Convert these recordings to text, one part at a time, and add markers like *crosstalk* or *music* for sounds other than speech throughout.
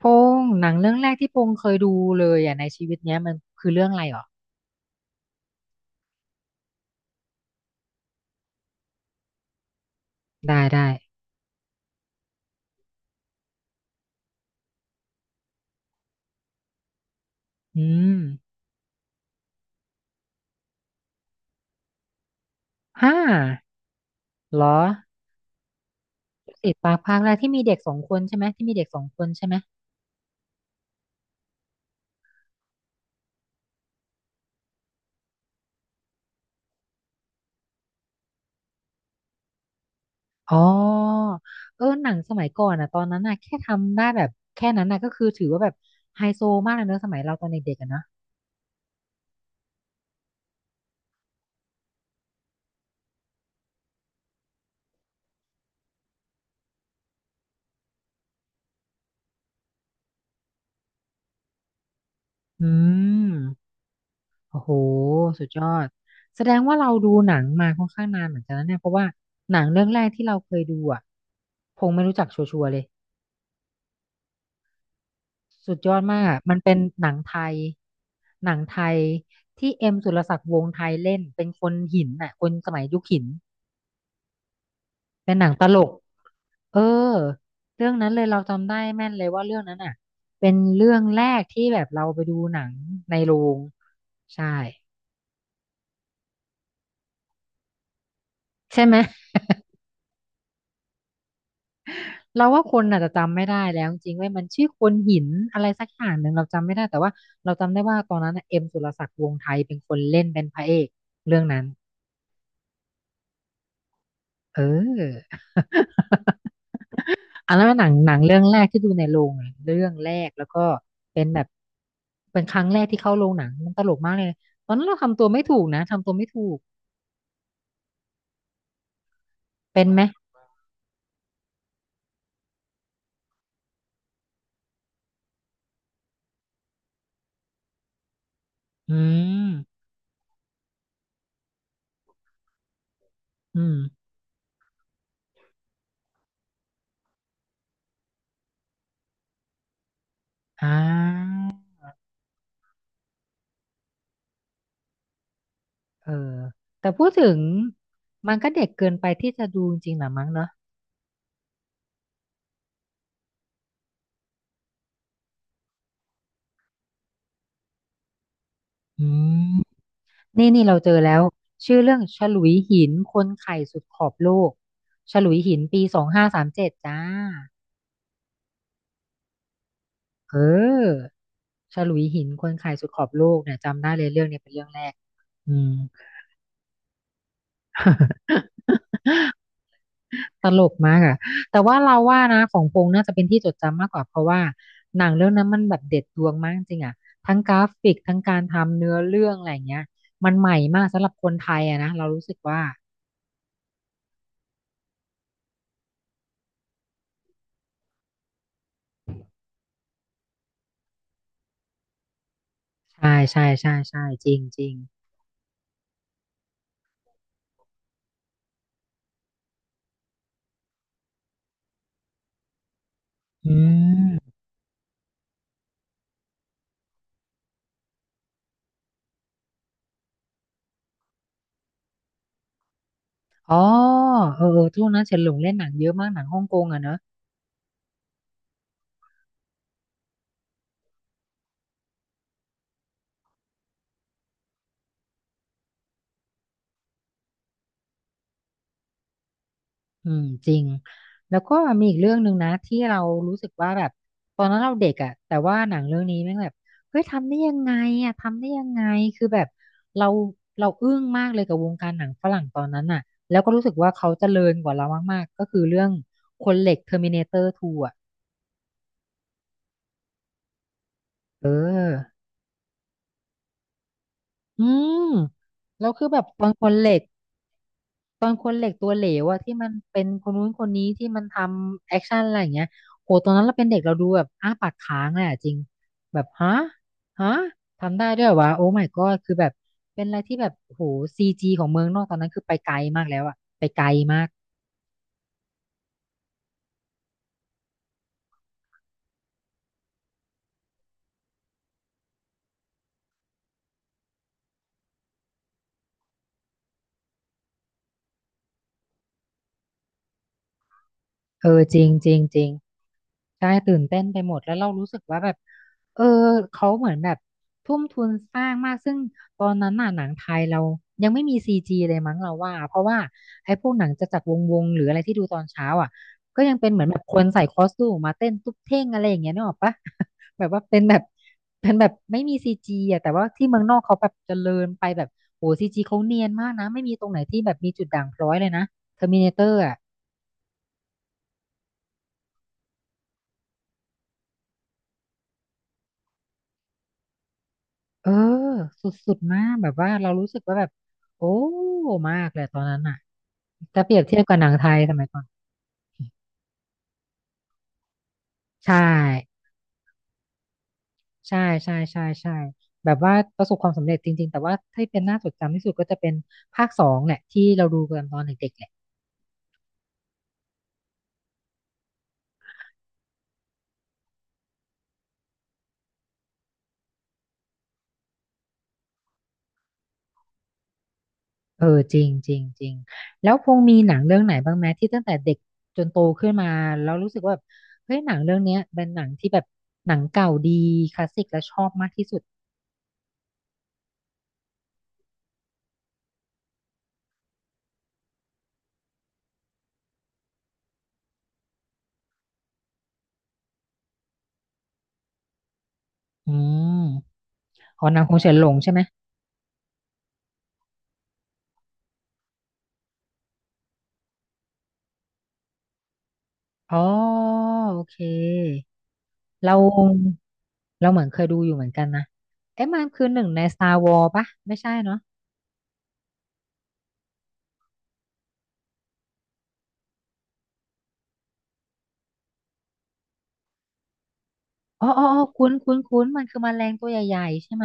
พงษ์หนังเรื่องแรกที่พงษ์เคยดูเลยอ่ะในชีวิตเนี้ยมันคือเรื่องอะไรหรอได้ได้อืมห้าเหรอติดปากภาคแรกที่มีเด็กสองคนใช่ไหมที่มีเด็กสองคนใช่ไหมอ๋อเออหนังสมัยก่อนอ่ะตอนนั้นอ่ะแค่ทำได้แบบแค่นั้นน่ะก็คือถือว่าแบบไฮโซมากเลยเนอะสมัยเราตอนเด็กๆอ่ะเนอะอืมโอ้โหสุดยอดแสดงว่าเราดูหนังมาค่อนข้างนานเหมือนกันนะเนี่ยเพราะว่าหนังเรื่องแรกที่เราเคยดูอ่ะพงษ์ไม่รู้จักชัวร์ๆเลย สุดยอดมากอะมันเป็นหนังไทยหนังไทยที่เอ็มสุรศักดิ์วงศ์ไทยเล่นเป็นคนหินน่ะคนสมัยยุคหินเป็นหนังตลกเออเรื่องนั้นเลยเราจำได้แม่นเลยว่าเรื่องนั้นอ่ะ เป็นเรื่องแรกที่แบบเราไปดูหนังในโรงใช่ ใช่ไหมเราว่าคนอาจจะจำไม่ได้แล้วจริงๆเว้ยมันชื่อคนหินอะไรสักอย่างหนึ่งเราจำไม่ได้แต่ว่าเราจำได้ว่าตอนนั้นน่ะเอ็มสุรศักดิ์วงศ์ไทยเป็นคนเล่นเป็นพระเอกเรื่องนั้นเออ อันนั้นเป็นหนังหนังเรื่องแรกที่ดูในโรงอะเรื่องแรกแล้วก็เป็นแบบเป็นครั้งแรกที่เข้าโรงหนังมันตลกมากเลยตอนนั้นเราทำตัวไม่ถูกนะทำตัวไม่ถูกเป็นไหมอืมอืมอ่าเออแต่พูดถึงมันก็เด็กเกินไปที่จะดูจริงๆหรอมั้งเนอะอืมนี่นี่เราเจอแล้วชื่อเรื่องฉลุยหินคนไข่สุดขอบโลกฉลุยหินปีสองห้าสามเจ็ดจ้าเออ ฉลุยหินคนขายสุดขอบโลกเนี่ยจำได้เลยเรื่องเนี้ยเป็นเรื่องแรกอืม *laughs* ตลกมากอะแต่ว่าเราว่านะของพงษ์น่าจะเป็นที่จดจำมากกว่าเพราะว่าหนังเรื่องนั้นมันแบบเด็ดดวงมากจริงอะทั้งกราฟิกทั้งการทำเนื้อเรื่องอะไรอย่างเงี้ยมันใหม่มากสำหรับคนไทยอะนะเรารู้สึกว่าใช่ใช่ใช่ใช่จริงจริงอืมอ๋อเออเออช่วงนั้นเฉินหลงเล่นหนังเยอะมากหนังฮ่องกงอะเนอะ อืมจริงแล้วก็มีอีกเรื่องหนึ่งนะที่เรารู้สึกว่าแบบตอนนั้นเราเด็กอ่ะแต่ว่าหนังเรื่องนี้แม่งแบบเฮ้ยทำได้ยังไงอ่ะทำได้ยังไงคือแบบเราเราอึ้งมากเลยกับวงการหนังฝรั่งตอนนั้นอ่ะแล้วก็รู้สึกว่าเขาเจริญกว่าเรามากๆก็คือเรื่องคนเหล็ก Terminator 2อ่ะเอออืมแล้วคือแบบตอนคนเหล็ก ตอนคนเหล็กตัวเหลวอะที่มันเป็นคนนู้นคนนี้ที่มันทำแอคชั่นอะไรอย่างเงี้ยโหตอนนั้นเราเป็นเด็กเราดูแบบอ้าปากค้างเลยอะจริงแบบฮะฮะทำได้ด้วยเหรอวะโอ้ my god คือแบบเป็นอะไรที่แบบโหซีจีของเมืองนอกตอนนั้นคือไปไกลมากแล้วอะไปไกลมากเออจริงจริงจริง ใช่ตื่นเต้นไปหมดแล้วเรารู้สึกว่าแบบเออเขาเหมือนแบบทุ่มทุนสร้างมากซึ่งตอนนั้นน่ะหนังไทยเรายังไม่มีซีจีเลยมั้งเราว่าเพราะว่าไอ้พวกหนังจะจักรวงวงหรืออะไรที่ดูตอนเช้าอ่ะก็ยังเป็นเหมือนแบบคนใส่คอสตูมมาเต้นตุ๊บเท่งอะไรอย่างเงี้ยนึกออกปะ *laughs* แบบว่าเป็นแบบเป็นแบบไม่มีซีจีอ่ะแต่ว่าที่เมืองนอกเขาแบบเจริญไปแบบโหซีจีเขาเนียนมากนะไม่มีตรงไหนที่แบบมีจุดด่างพร้อยเลยนะเทอร์มินาเตอร์ เออสุดๆมากแบบว่าเรารู้สึกว่าแบบโอ้มากเลยตอนนั้นอ่ะถ้าเปรียบเทียบกับหนังไทยสมัยก่อนใช่ใช่ใช่ใช่ใช่แบบว่าประสบความสำเร็จจริงๆแต่ว่าที่เป็นน่าจดจำที่สุดก็จะเป็นภาคสองแหละที่เราดูกันตอนเด็กๆแหละเออจริงจริงจริงแล้วพงมีหนังเรื่องไหนบ้างไหมที่ตั้งแต่เด็กจนโตขึ้นมาแล้วรู้สึกว่าแบบเฮ้ยหนังเรื่องเนี้ยเป็นหนังที่แบบหนังเก่าดีคลาสสิกและชอบมากที่สุดอืมอ๋อหนังคงเฉินหลงใช่ไหม อ๋อโอเคเราเราเหมือนเคยดูอยู่เหมือนกันนะเอ๊ะมันคือหนึ่งใน Star Wars ปะไม่ใช่เนาะอ๋ออ๋ออ๋อคุ้นคุ้นคุ้นมันคือแมลงตัวใหญ่ๆใช่ไหม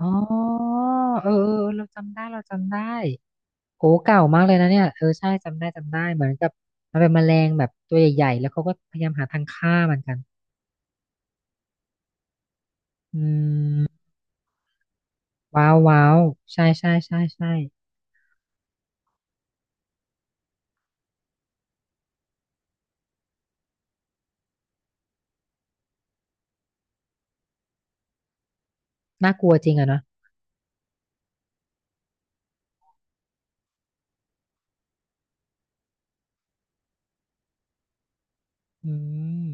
อ๋อเออเออเออเราจำได้โอ้เก่ามากเลยนะเนี่ยเออใช่จำได้เหมือนกับมันเป็นแมลงแบบตัวใหญ่ๆแล้วเขาก็พยายามหาทางฆ่ามันกันอืมว้าวว้าวใช่ใช่ใช่ใช่น่ากลัวจริงอะเนาะ อืม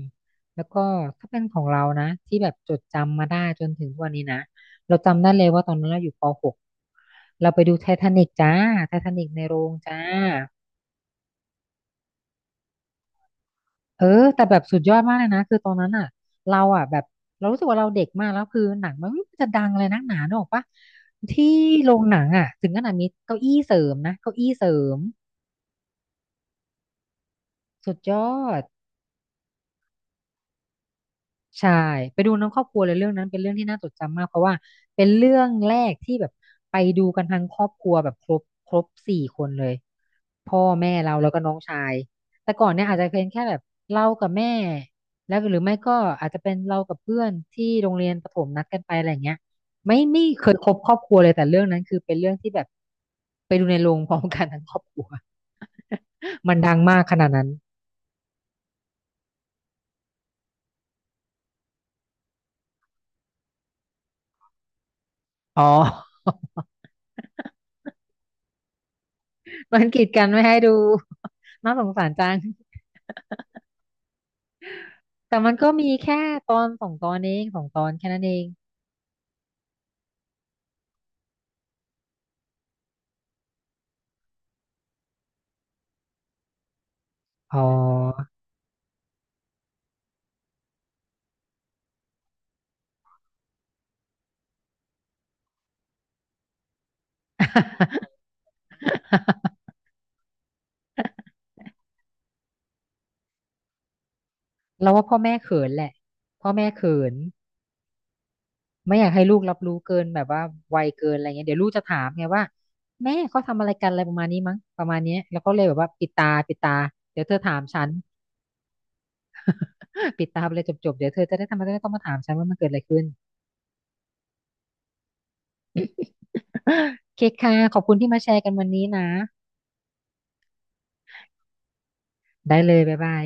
แล้วก็ถ้าเป็นของเรานะที่แบบจดจำมาได้จนถึงทุกวันนี้นะเราจำได้เลยว่าตอนนั้นเราอยู่ป.6เราไปดูไททานิกจ้าไททานิกในโรงจ้าเออแต่แบบสุดยอดมากเลยนะคือตอนนั้นอ่ะเราอ่ะแบบเรารู้สึกว่าเราเด็กมากแล้วคือหนังมันไม่รู้จะดังอะไรนักหนาเนกออกปะที่โรงหนังอ่ะถึงขนาดมีเก้าอี้เสริมนะเก้าอี้เสริมสุดยอด ใช่ไปดูน้ำครอบครัวเลยเรื่องนั้นเป็นเรื่องที่น่าจดจำมากเพราะว่าเป็นเรื่องแรกที่แบบไปดูกันทั้งครอบครัวแบบครบ4คนเลยพ่อแม่เราแล้วก็น้องชายแต่ก่อนเนี่ยอาจจะเป็นแค่แบบเรากับแม่แล้วหรือไม่ก็อาจจะเป็นเรากับเพื่อนที่โรงเรียนประถมนัดกันไปอะไรอย่างเงี้ยไม่เคยครบครอบครัวเลยแต่เรื่องนั้นคือเป็นเรื่องที่แบบไปดูในโรงพร้อมกันทั้งครอบครัว *laughs* มันดังมากขนาดนั้นอ๋อ มันกีดกันไม่ให้ดู *laughs* น่าสงสารจังแต่มันก็มีแค่ตอนสองตอนเองสองตอนแค่นั้นเองอ๋อ *laughs* เราว่าพ่อแม่เขินแหละพ่อแม่เขินไม่อยากให้ลูกรับรู้เกินแบบว่าไวเกินอะไรเงี้ยเดี๋ยวลูกจะถามไงว่าแม่เขาทำอะไรกันอะไรประมาณนี้มั้งประมาณเนี้ยแล้วก็เลยแบบว่าปิดตาเดี๋ยวเธอถามฉัน *laughs* ปิดตาไปเลยจบเดี๋ยวเธอจะได้ทำไมจะได้ต้องมาถามฉันว่ามันเกิดอะไรขึ้นโอเคค่ะขอบคุณที่มาแชร์กันวันนี้นะได้เลยบ๊ายบาย